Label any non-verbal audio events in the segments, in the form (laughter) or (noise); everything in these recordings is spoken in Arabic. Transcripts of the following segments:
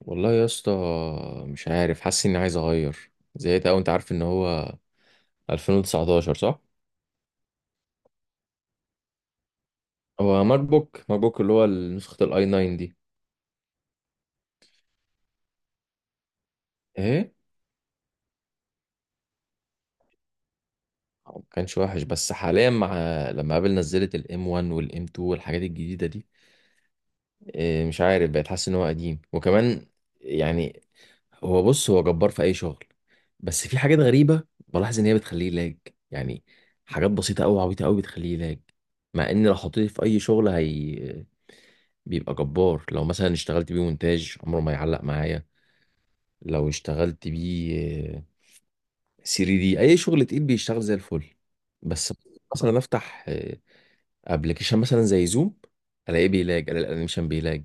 والله يا اسطى، مش عارف، حاسس اني عايز اغير. زهقت اوي. انت عارف ان هو 2019، صح؟ هو ماك بوك اللي هو نسخة الاي 9 دي. ايه هو ما كانش وحش، بس حاليا مع... لما ابل نزلت الام 1 والام 2 والحاجات الجديدة دي، مش عارف، بقيت حاسس ان هو قديم. وكمان يعني هو... بص، هو جبار في اي شغل، بس في حاجات غريبة بلاحظ ان هي بتخليه لاج. يعني حاجات بسيطة اوي، عبيطة اوي، بتخليه لاج، مع ان لو حطيته في اي شغل هي بيبقى جبار. لو مثلا اشتغلت بيه مونتاج عمره ما يعلق معايا. لو اشتغلت بيه 3 دي، اي شغل تقيل بيشتغل زي الفل. بس مثلا افتح ابلكيشن مثلا زي زوم، الاقيه بيلاج، الاقي الانيميشن بيلاج.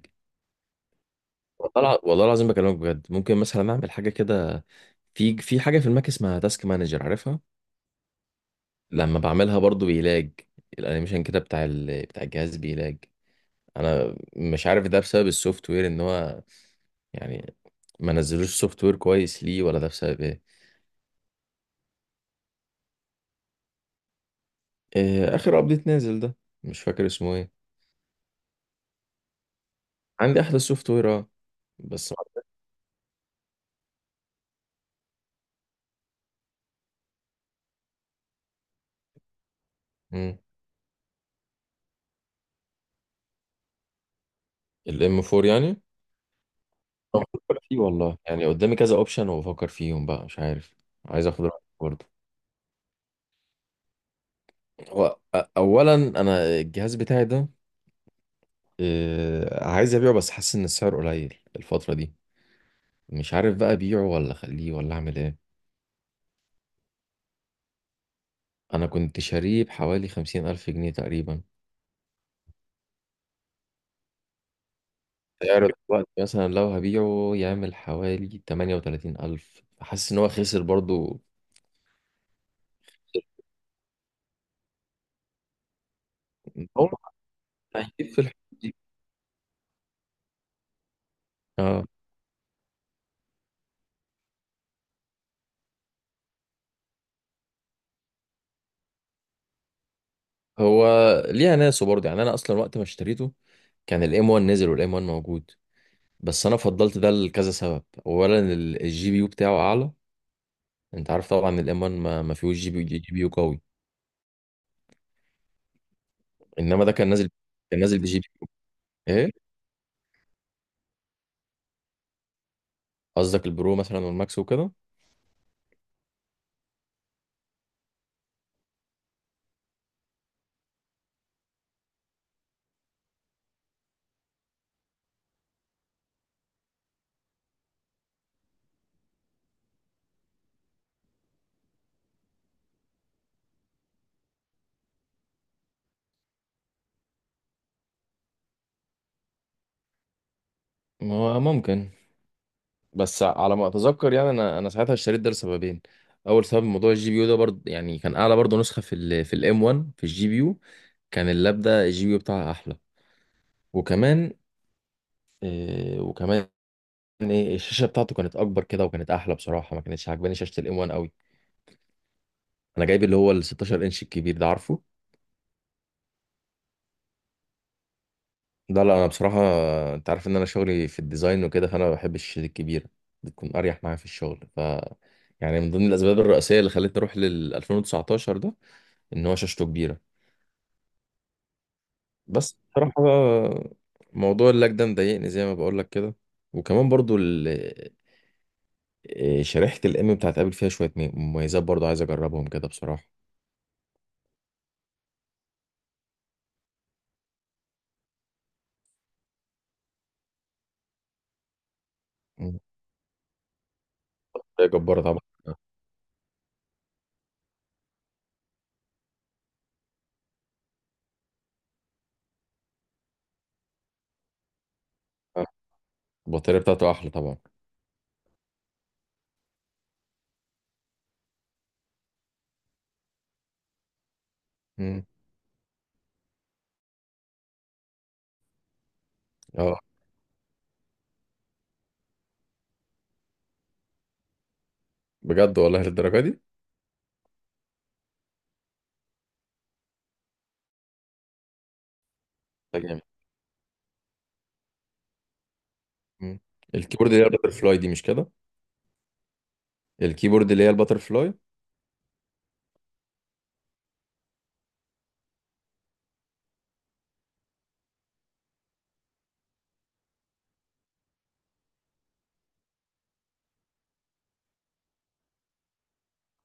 والله العظيم، بكلمك بجد، ممكن مثلا اعمل حاجه كده. في حاجه في الماك اسمها تاسك مانجر، عارفها. لما بعملها برضو بيلاج، الانيميشن كده بتاع الجهاز بيلاج. انا مش عارف ده بسبب السوفت وير، ان هو يعني ما نزلوش سوفت وير كويس ليه، ولا ده بسبب ايه. آه، اخر ابديت نازل ده. مش فاكر اسمه ايه. عندي احدث سوفت وير، اه. بس... امم... الام 4 يعني... أو بفكر فيه، والله يعني قدامي كذا اوبشن وبفكر فيهم بقى، مش عارف. عايز اخد رايك برضه. هو اولا، انا الجهاز بتاعي ده آه، عايز ابيعه بس حاسس ان السعر قليل الفتره دي. مش عارف بقى ابيعه ولا اخليه ولا اعمل ايه. انا كنت شاريه بحوالي 50,000 جنيه تقريبا. سعر دلوقتي مثلا لو هبيعه يعمل حوالي 38,000 ألف. حاسس إن هو خسر برضو. هو هيجيب في الحدود دي، اه. هو ليها ناسه برضو. يعني أنا أصلا وقت ما اشتريته كان الام 1 نزل والام 1 موجود، بس أنا فضلت ده لكذا سبب. أولا الجي بي يو بتاعه أعلى. أنت عارف طبعا الام 1 ما فيهوش جي بي يو قوي، إنما ده كان نازل بجي بي. إيه قصدك البرو مثلا والماكس وكده. ما هو ممكن، بس على ما اتذكر يعني، انا ساعتها اشتريت ده لسببين. اول سبب موضوع الجي بي يو ده برضه، يعني كان اعلى برضه نسخه في الام 1 في الجي بي يو. كان اللاب ده الجي بي يو بتاعها احلى، وكمان... إيه وكمان الشاشه بتاعته كانت اكبر كده وكانت احلى بصراحه. ما كانتش عاجباني شاشه الام 1 قوي. انا جايب اللي هو ال 16 انش الكبير ده، عارفه. ده لا، انا بصراحه انت عارف ان انا شغلي في الديزاين وكده، فانا ما بحبش الشاشات الكبيره، بتكون اريح معايا في الشغل. يعني من ضمن الاسباب الرئيسيه اللي خلتني اروح لل 2019 ده ان هو شاشته كبيره. بس بصراحة بقى موضوع اللاج ده مضايقني زي ما بقول لك كده. وكمان برضو إيه، شريحة الام بتاعت ابل فيها شوية مميزات برضو عايز اجربهم كده بصراحة. مم. هي جبارة طبعا. آه، آه. البطارية بتاعته احلى طبعا. مم. اه، بجد والله للدرجة دي. ده جامد. مم. الكيبورد اللي هي الباتر فلاي دي، مش كده؟ الكيبورد اللي هي الباتر فلاي.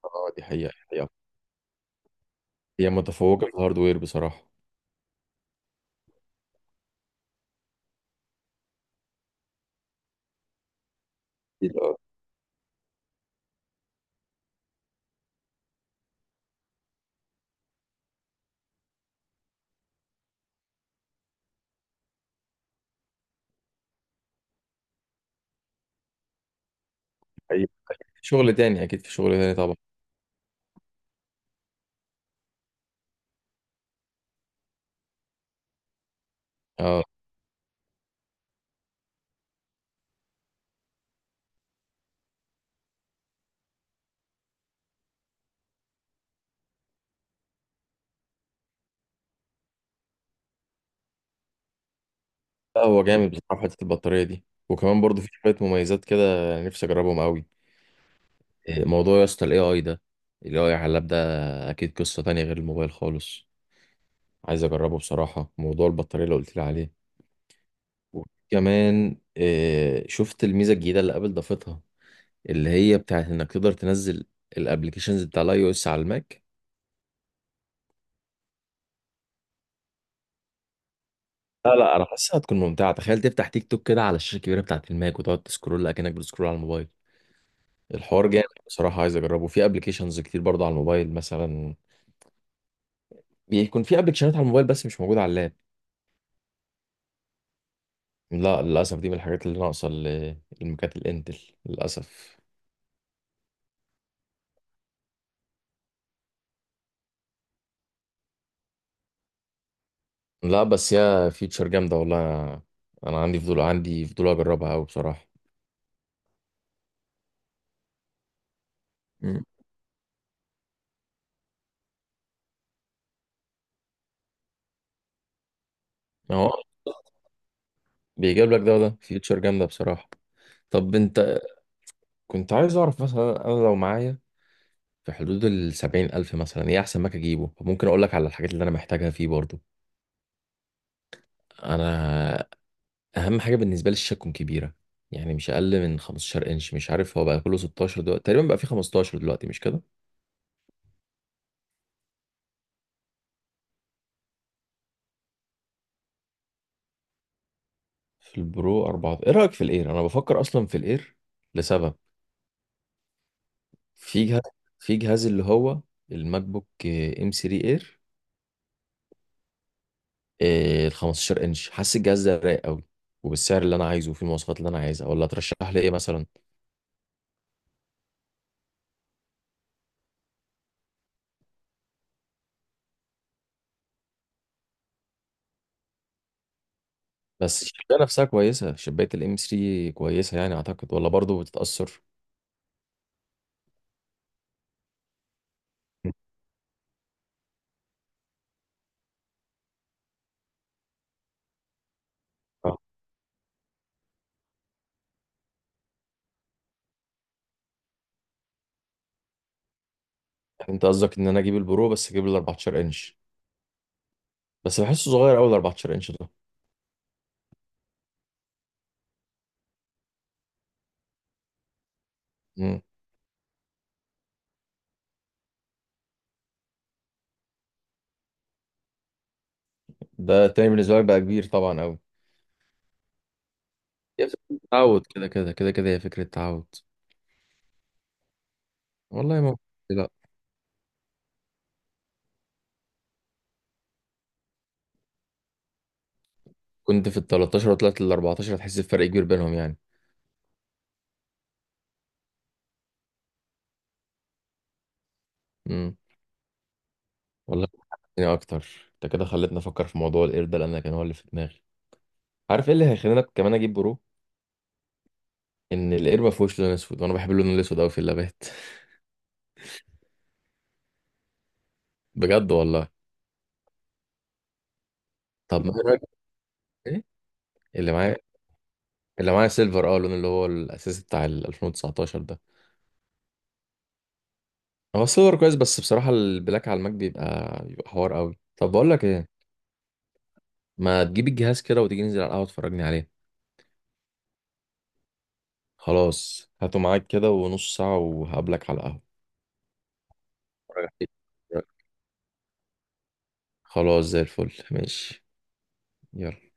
اه، دي حقيقة حقيقة. هي متفوقة في الهاردوير بصراحة. أكيد، آه، حقيقة. شغل تاني اكيد، في شغل تاني طبعا. اه، لا، هو جامد بصراحة في حتة البطارية دي، وكمان برضو في شوية مميزات كده نفسي أجربهم أوي. موضوع يا اسطى ال AI ده، ال AI على اللاب ده أكيد قصة تانية غير الموبايل خالص. عايز أجربه بصراحة، موضوع البطارية اللي قلت لي عليه وكمان. شفت الميزة الجديدة اللي قبل ضافتها، اللي هي بتاعت إنك تقدر تنزل الأبلكيشنز بتاع الأي أو إس على الماك. لا لا، أنا حاسسها هتكون ممتعة. تخيل تفتح تيك توك كده على الشاشة الكبيرة بتاعت الماك وتقعد تسكرول أكنك بتسكرول على الموبايل. الحوار جامد بصراحة، عايز أجربه في أبلكيشنز كتير برضه. على الموبايل مثلا بيكون في أبلكيشنات على الموبايل بس مش موجودة على اللاب. لا، للأسف دي من الحاجات اللي ناقصة للمكات الإنتل، للأسف. لا، بس يا فيتشر جامدة والله. أنا عندي فضول، عندي فضول أجربها أوي بصراحة. مم. أهو، بيجيب لك ده وده، فيتشر جامدة بصراحة. طب أنت... كنت عايز أعرف مثلا، أنا لو معايا في حدود 70,000 مثلا، إيه أحسن ماك أجيبه؟ ممكن أقول لك على الحاجات اللي أنا محتاجها فيه برضه. أنا اهم حاجه بالنسبه لي الشاشه تكون كبيره، يعني مش اقل من 15 انش. مش عارف هو بقى كله 16 دلوقتي تقريبا، بقى في 15 دلوقتي، مش كده؟ في البرو 4، ايه رايك في الاير؟ انا بفكر اصلا في الاير لسبب. في جهاز في جهاز اللي هو الماك بوك ام 3 اير، ال 15 انش. حاسس الجهاز ده رايق قوي، وبالسعر اللي انا عايزه وفي المواصفات اللي انا عايزها. ولا ترشح لي ايه مثلا؟ بس الشبايه نفسها كويسه، شبايه الام 3 كويسه يعني اعتقد، ولا برضه بتتاثر؟ آه. يعني انت قصدك ان انا اجيب البرو بس اجيب ال 14 انش. بس بحسه صغير قوي ال 14 انش ده. مم. ده تاني بالنسبه لك بقى كبير طبعا قوي. هي فكرة تعود كده كده كده كده، هي فكره تعود. والله ما (laughs) لا. كنت في ال 13 وطلعت لل 14، هتحس بفرق كبير بينهم يعني. امم، والله يعني اكتر، انت كده خلتني افكر في موضوع الاير ده لان أنا كان هو اللي في دماغي. عارف ايه اللي هيخليني كمان اجيب برو؟ ان الاير ما فيهوش لون اسود، وانا بحب اللون الاسود قوي في اللابات. (laughs) بجد والله. طب ما إيه رايك؟ إيه؟ اللي معايا اللي معايا سيلفر، اه، اللون اللي هو الاساسي بتاع ال 2019. هو السيلفر كويس، بس بصراحة البلاك على الماك بيبقى حوار قوي. طب بقول لك ايه، ما تجيب الجهاز كده وتيجي ننزل على القهوة تفرجني عليه؟ خلاص، هاته معاك كده ونص ساعة وهقابلك على القهوة. أتفرج عليه. خلاص، زي الفل، ماشي. يلا.